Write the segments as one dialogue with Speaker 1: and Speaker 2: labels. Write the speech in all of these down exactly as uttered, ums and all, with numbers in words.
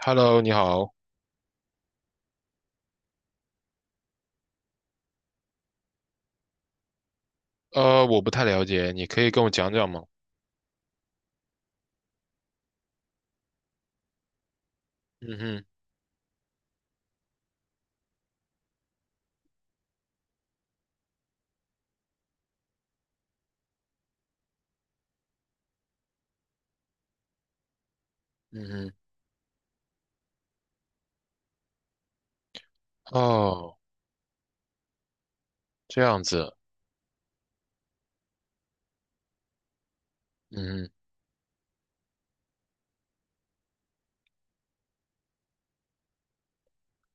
Speaker 1: Hello，你好。呃，我不太了解，你可以跟我讲讲吗？嗯哼。嗯哼。哦，这样子。嗯哼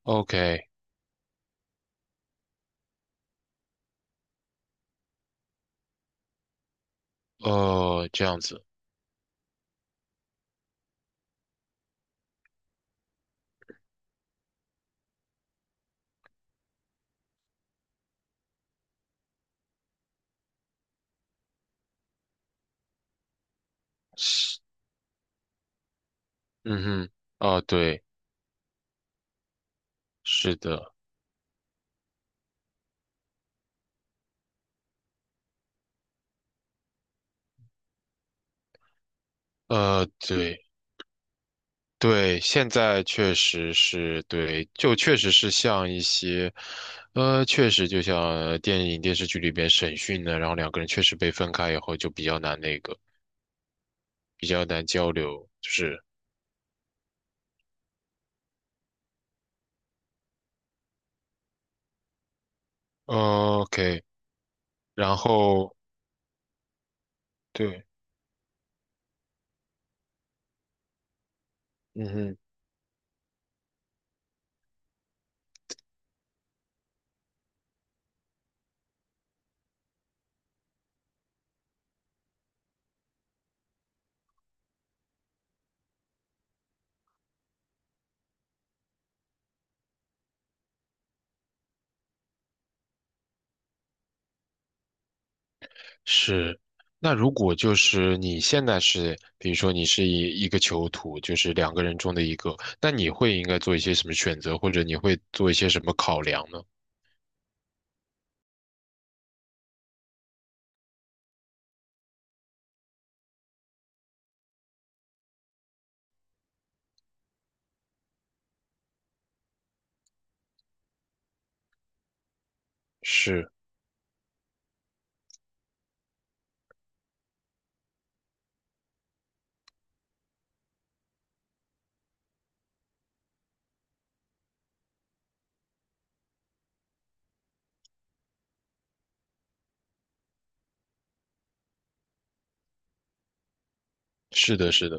Speaker 1: ，OK，哦，这样子。是。嗯哼。哦，对。是的。呃，对。对，现在确实是对，就确实是像一些，呃，确实就像呃电影电视剧里边审讯的，然后两个人确实被分开以后就比较难那个，比较难交流，就是，o k 然后。对。嗯哼。是。那如果就是你现在是，比如说你是一一个囚徒，就是两个人中的一个，那你会应该做一些什么选择，或者你会做一些什么考量呢？是。是的，是的。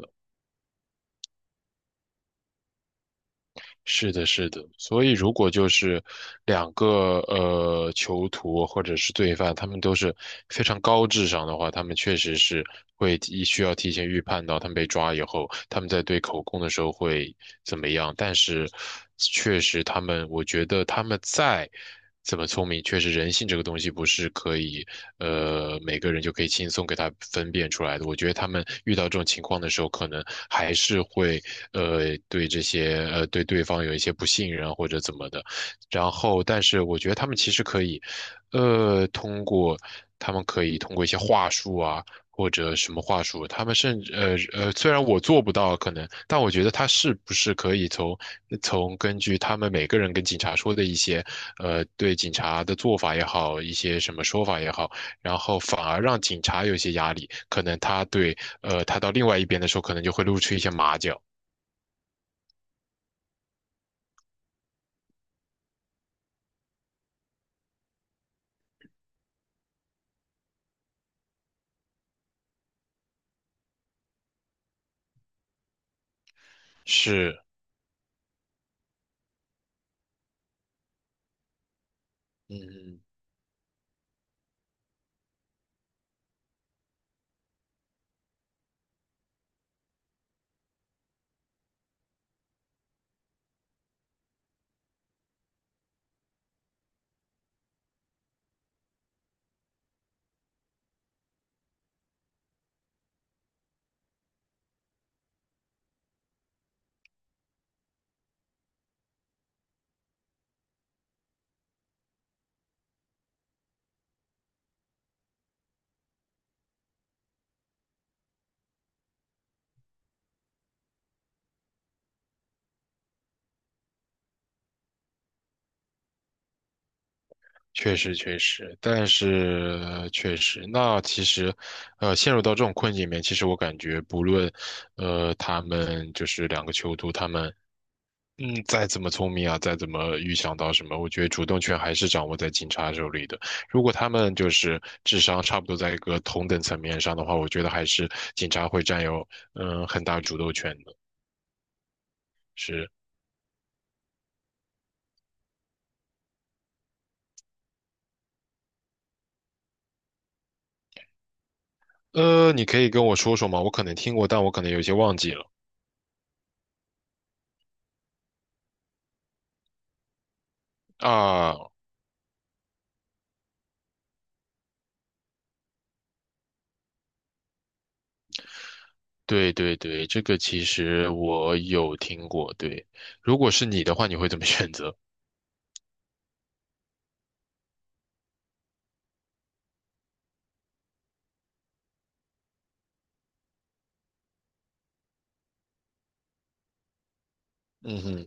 Speaker 1: 是的，是的，所以如果就是两个呃囚徒或者是罪犯，他们都是非常高智商的话，他们确实是会提需要提前预判到他们被抓以后，他们在对口供的时候会怎么样。但是，确实他们，我觉得他们在。怎么聪明，确实人性这个东西不是可以，呃，每个人就可以轻松给它分辨出来的。我觉得他们遇到这种情况的时候，可能还是会，呃，对这些，呃，对对方有一些不信任或者怎么的。然后，但是我觉得他们其实可以，呃，通过他们可以通过一些话术啊，或者什么话术，他们甚至呃呃，虽然我做不到可能，但我觉得他是不是可以从从根据他们每个人跟警察说的一些呃对警察的做法也好，一些什么说法也好，然后反而让警察有一些压力，可能他对呃他到另外一边的时候，可能就会露出一些马脚。是。嗯，嗯确实，确实，但是呃确实，那其实，呃，陷入到这种困境里面，其实我感觉，不论，呃，他们就是两个囚徒，他们，嗯，再怎么聪明啊，再怎么预想到什么，我觉得主动权还是掌握在警察手里的。如果他们就是智商差不多在一个同等层面上的话，我觉得还是警察会占有，嗯、很大主动权的。是。呃，你可以跟我说说吗？我可能听过，但我可能有些忘记了。啊。对对对，这个其实我有听过。对，如果是你的话，你会怎么选择？嗯哼。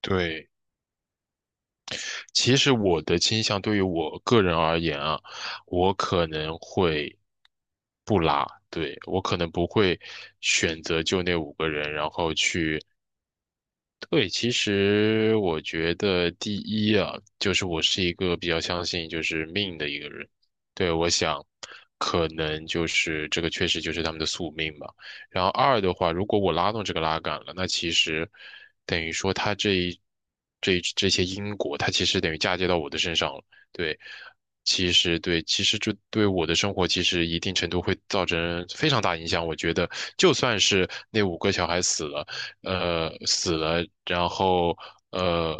Speaker 1: 对，其实我的倾向对于我个人而言啊，我可能会不拉，对，我可能不会选择就那五个人，然后去对，其实我觉得第一啊，就是我是一个比较相信就是命的一个人。对，我想，可能就是这个确实就是他们的宿命吧。然后二的话，如果我拉动这个拉杆了，那其实等于说他这一这一这些因果，它其实等于嫁接到我的身上了。对，其实对，其实这对我的生活其实一定程度会造成非常大影响。我觉得，就算是那五个小孩死了。呃死了，然后呃，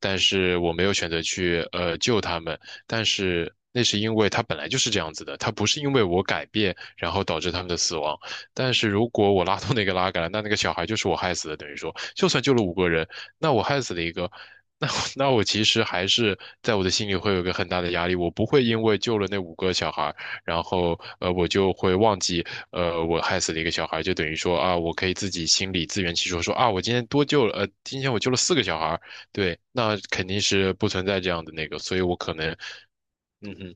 Speaker 1: 但是我没有选择去呃救他们，但是那是因为他本来就是这样子的，他不是因为我改变然后导致他们的死亡。但是如果我拉动那个拉杆，那那个小孩就是我害死的，等于说，就算救了五个人，那我害死了一个。那我那我其实还是在我的心里会有一个很大的压力，我不会因为救了那五个小孩，然后呃我就会忘记呃，我害死了一个小孩，就等于说啊，我可以自己心里自圆其说，说啊，我今天多救了，呃，今天我救了四个小孩，对，那肯定是不存在这样的那个，所以我可能，嗯嗯。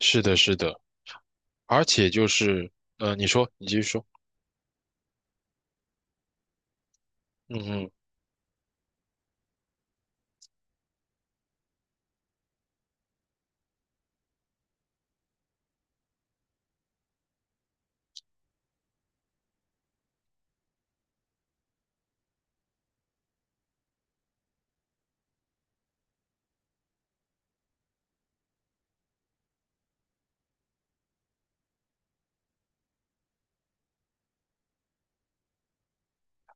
Speaker 1: 是的，是的。而且就是，呃，你说，你继续说，嗯。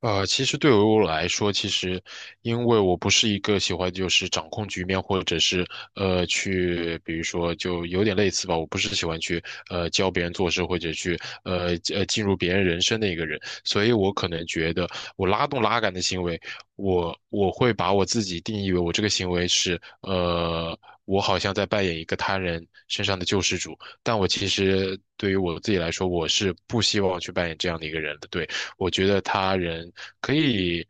Speaker 1: 呃，其实对于我来说，其实因为我不是一个喜欢就是掌控局面，或者是呃去，比如说就有点类似吧，我不是喜欢去呃教别人做事，或者去呃呃进入别人人生的一个人，所以我可能觉得我拉动拉杆的行为，我我会把我自己定义为我这个行为是呃。我好像在扮演一个他人身上的救世主，但我其实对于我自己来说，我是不希望去扮演这样的一个人的。对，我觉得他人可以，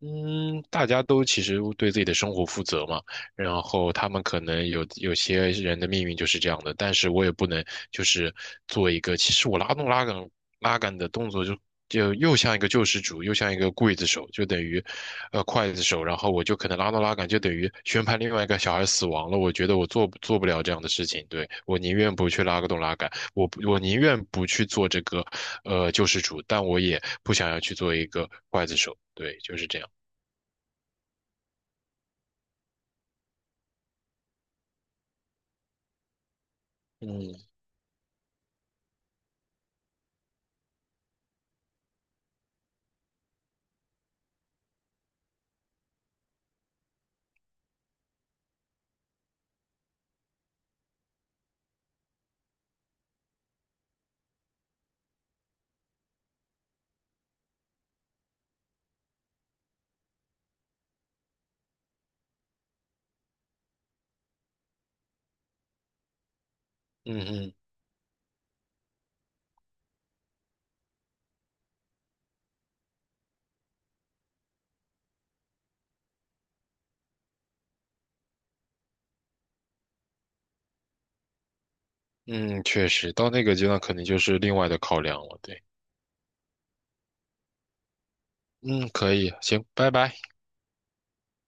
Speaker 1: 嗯，大家都其实对自己的生活负责嘛，然后他们可能有有些人的命运就是这样的，但是我也不能就是做一个，其实我拉动拉杆拉杆的动作就。就又像一个救世主，又像一个刽子手，就等于，呃，刽子手。然后我就可能拉动拉杆，就等于宣判另外一个小孩死亡了。我觉得我做做不了这样的事情，对，我宁愿不去拉个动拉杆。我不我宁愿不去做这个呃救世主，但我也不想要去做一个刽子手。对，就是这样。嗯嗯嗯嗯，确实，到那个阶段肯定就是另外的考量了。对。嗯，可以，行，拜拜。